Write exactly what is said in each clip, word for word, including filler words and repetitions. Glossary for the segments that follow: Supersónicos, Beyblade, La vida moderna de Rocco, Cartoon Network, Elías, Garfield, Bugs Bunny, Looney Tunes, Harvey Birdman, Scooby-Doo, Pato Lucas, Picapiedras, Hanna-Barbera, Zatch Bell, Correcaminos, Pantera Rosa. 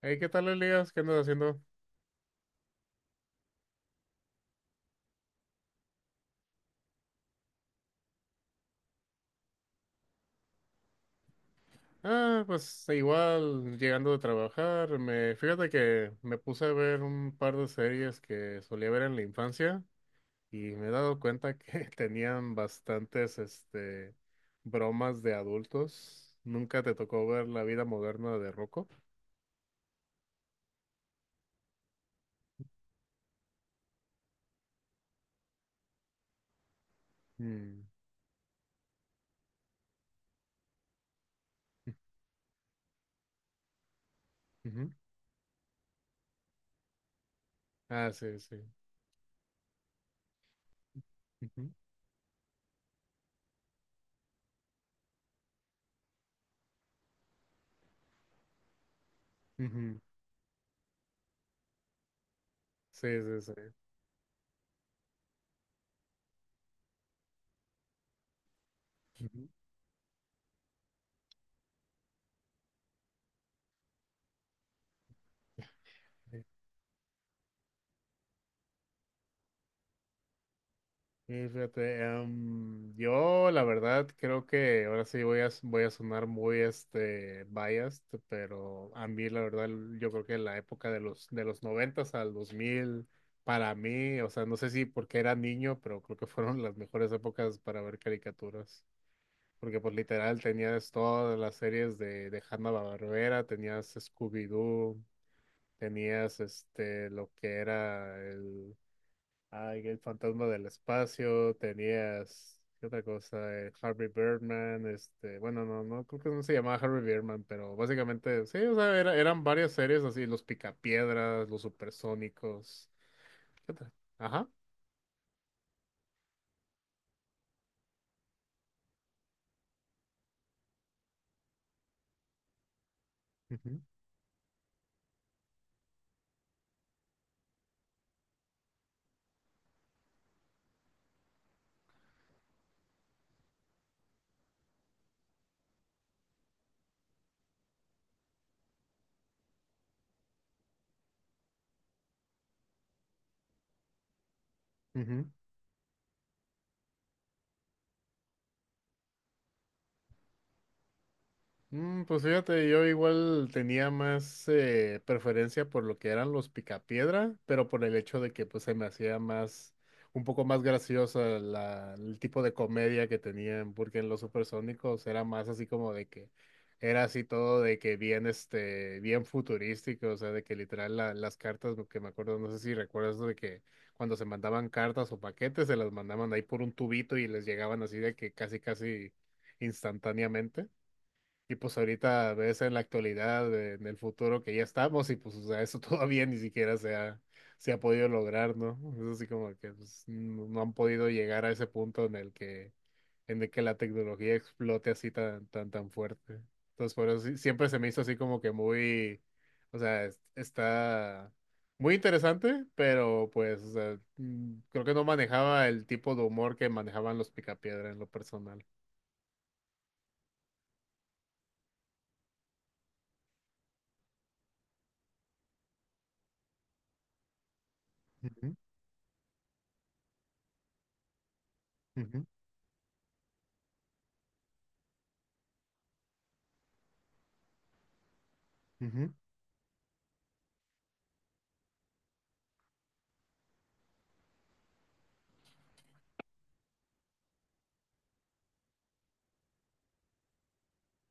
Hey, ¿qué tal, Elías? ¿Qué andas haciendo? Ah, pues igual llegando de trabajar, me fíjate que me puse a ver un par de series que solía ver en la infancia y me he dado cuenta que tenían bastantes este bromas de adultos. Nunca te tocó ver La vida moderna de Rocco. Mm, ujú. Ah, sí, sí. Ujú, ujú. Sí, sí, sí. Ujú. Sí, fíjate, em, yo la verdad creo que ahora sí voy a, voy a sonar muy este biased, pero a mí la verdad yo creo que la época de los de los noventas al dos mil para mí, o sea, no sé si porque era niño, pero creo que fueron las mejores épocas para ver caricaturas, porque pues literal tenías todas las series de de Hanna-Barbera, tenías Scooby-Doo, tenías este lo que era. Ay, el fantasma del espacio, tenías, ¿qué otra cosa? Eh, Harvey Birdman, este, bueno, no, no, creo que no se llamaba Harvey Birdman, pero básicamente, sí, o sea, era- eran varias series así, los Picapiedras, los Supersónicos, ¿qué otra? Ajá. Ujú, ujú. Mm, pues fíjate, yo igual tenía más eh, preferencia por lo que eran los picapiedra, pero por el hecho de que pues se me hacía más, un poco más graciosa la, el tipo de comedia que tenían, porque en los supersónicos era más así como de que era así todo de que bien este, bien futurístico, o sea, de que literal la- las cartas, lo que me acuerdo, no sé si recuerdas de que cuando se mandaban cartas o paquetes, se las mandaban ahí por un tubito y les llegaban así de que casi casi instantáneamente. Y pues ahorita ves en la actualidad, eh, en el futuro que ya estamos, y pues o sea, eso todavía ni siquiera se ha, se ha podido lograr, ¿no? Es así como que pues, no no han podido llegar a ese punto en el que, en el que la tecnología explote así tan, tan, tan fuerte. Entonces, por eso sí- siempre se me hizo así como que muy, o sea, es- está muy interesante, pero pues, o sea, mm, creo que no manejaba el tipo de humor que manejaban los Picapiedra en lo personal. Ujú, ujú, ujú.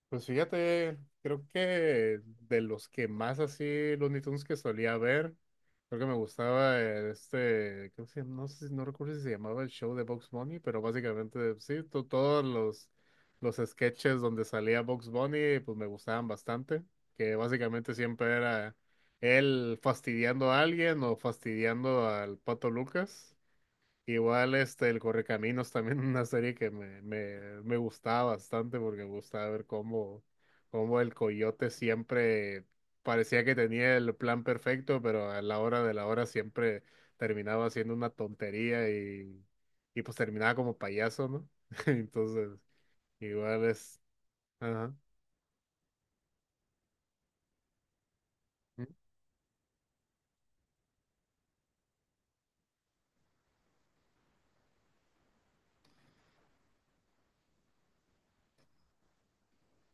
Pues fíjate, creo que de los que más así Looney Tunes que solía ver, creo que me gustaba eh, este, creo que se- llama? No sé, no recuerdo si se llamaba el show de Bugs Bunny, pero básicamente sí, to- todos los, los sketches donde salía Bugs Bunny, pues me gustaban bastante, que básicamente siempre era él fastidiando a alguien o fastidiando al Pato Lucas. Igual este, el Correcaminos también una serie que me, me, me gustaba bastante porque me gustaba ver cómo, cómo el coyote siempre parecía que tenía el plan perfecto, pero a la hora de la hora siempre terminaba haciendo una tontería y, y pues terminaba como payaso, ¿no? Entonces, igual es... Ajá.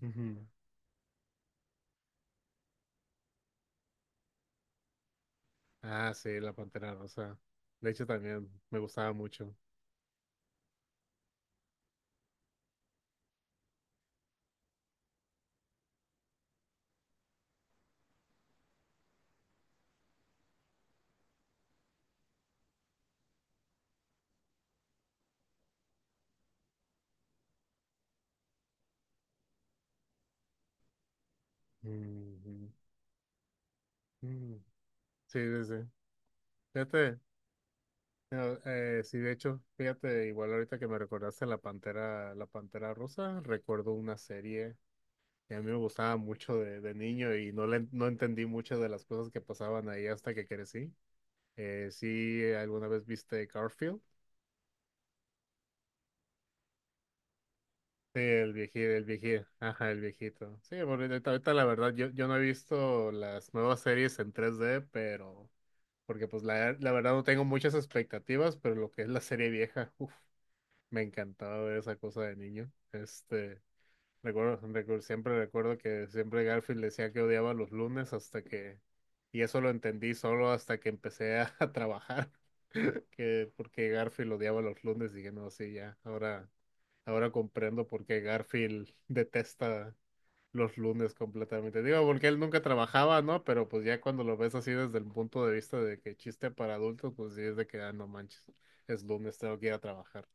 Ujú. Ah, sí, la Pantera Rosa. De hecho, también me gustaba mucho. Ujú. Mm. Sí, sí, sí. Fíjate. No, eh, sí, de hecho, fíjate, igual ahorita que me recordaste la Pantera, la Pantera Rosa, recuerdo una serie que a mí me gustaba mucho de, de niño y no le, no entendí muchas de las cosas que pasaban ahí hasta que crecí. Eh, sí, eh, ¿alguna vez viste Garfield? Sí, el viejito, el viejito, ajá, el viejito. Sí, bueno, ahorita, ahorita la verdad, yo, yo no he visto las nuevas series en tres D, pero porque pues la, la verdad no tengo muchas expectativas, pero lo que es la serie vieja, uff. Me encantaba ver esa cosa de niño. Este, recuerdo, recu- siempre recuerdo que siempre Garfield decía que odiaba los lunes hasta que, y eso lo entendí solo hasta que empecé a, a trabajar, que porque Garfield odiaba los lunes, dije, no, sí, ya, ahora, ahora comprendo por qué Garfield detesta los lunes completamente. Digo, porque él nunca trabajaba, ¿no? Pero pues ya cuando lo ves así desde el punto de vista de que chiste para adultos, pues sí es de que, ah, no manches, es lunes, tengo que ir a trabajar.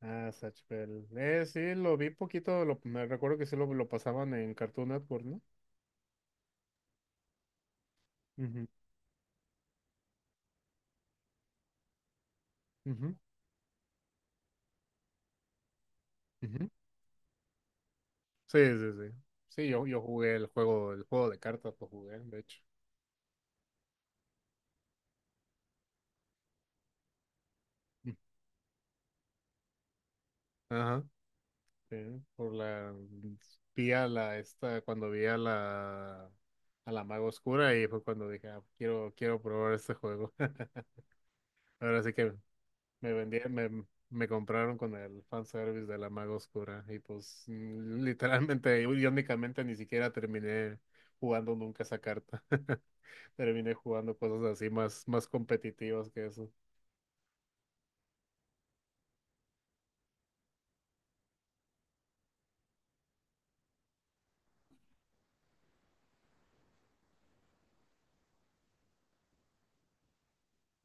Ah, Zatch Bell. Eh, sí, lo vi poquito, lo, me recuerdo que sí lo, lo pasaban en Cartoon Network, ¿no? Ujú, ujú, ujú. Sí, sí, sí. Sí, yo, yo jugué el juego, el juego de cartas lo jugué, de hecho. Mm. Ajá. Sí, por la vi a la esta cuando vi a la a la maga oscura y fue cuando dije, ah, quiero, quiero probar este juego. Ahora sí que me vendía, me, me compraron con el fanservice de la maga oscura y pues mm, literalmente, irónicamente ni siquiera terminé jugando nunca esa carta. Terminé jugando cosas así más, más competitivas que eso.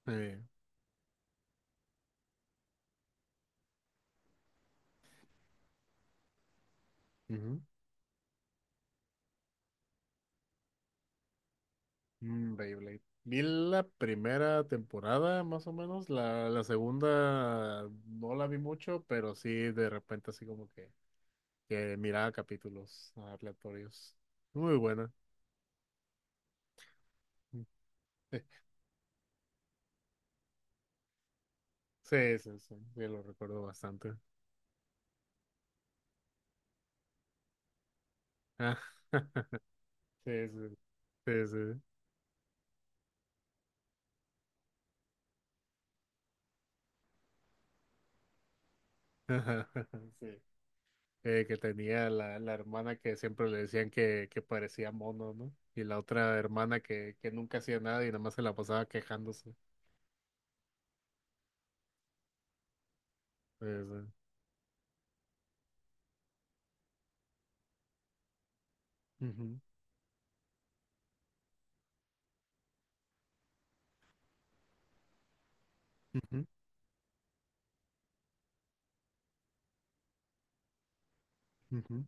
Eh, ujú. Mm, Beyblade. Vi la primera temporada, más o menos. La, la segunda no la vi mucho, pero sí de repente así como que, que miraba capítulos aleatorios. Muy buena. Sí, sí, sí, sí, lo recuerdo bastante. Ah, sí, sí, sí, sí. Sí. Eh, que tenía la, la hermana que siempre le decían que, que parecía mono, ¿no? Y la otra hermana que, que nunca hacía nada y nada más se la pasaba quejándose. Sí, sí. Ujú, ujú, ujú.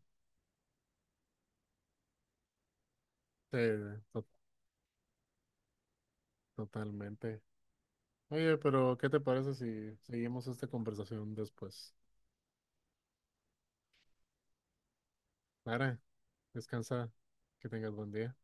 Sí, sí, to- totalmente. Oye, pero ¿qué te parece si seguimos esta conversación después? Clara, descansa, que tengas buen día.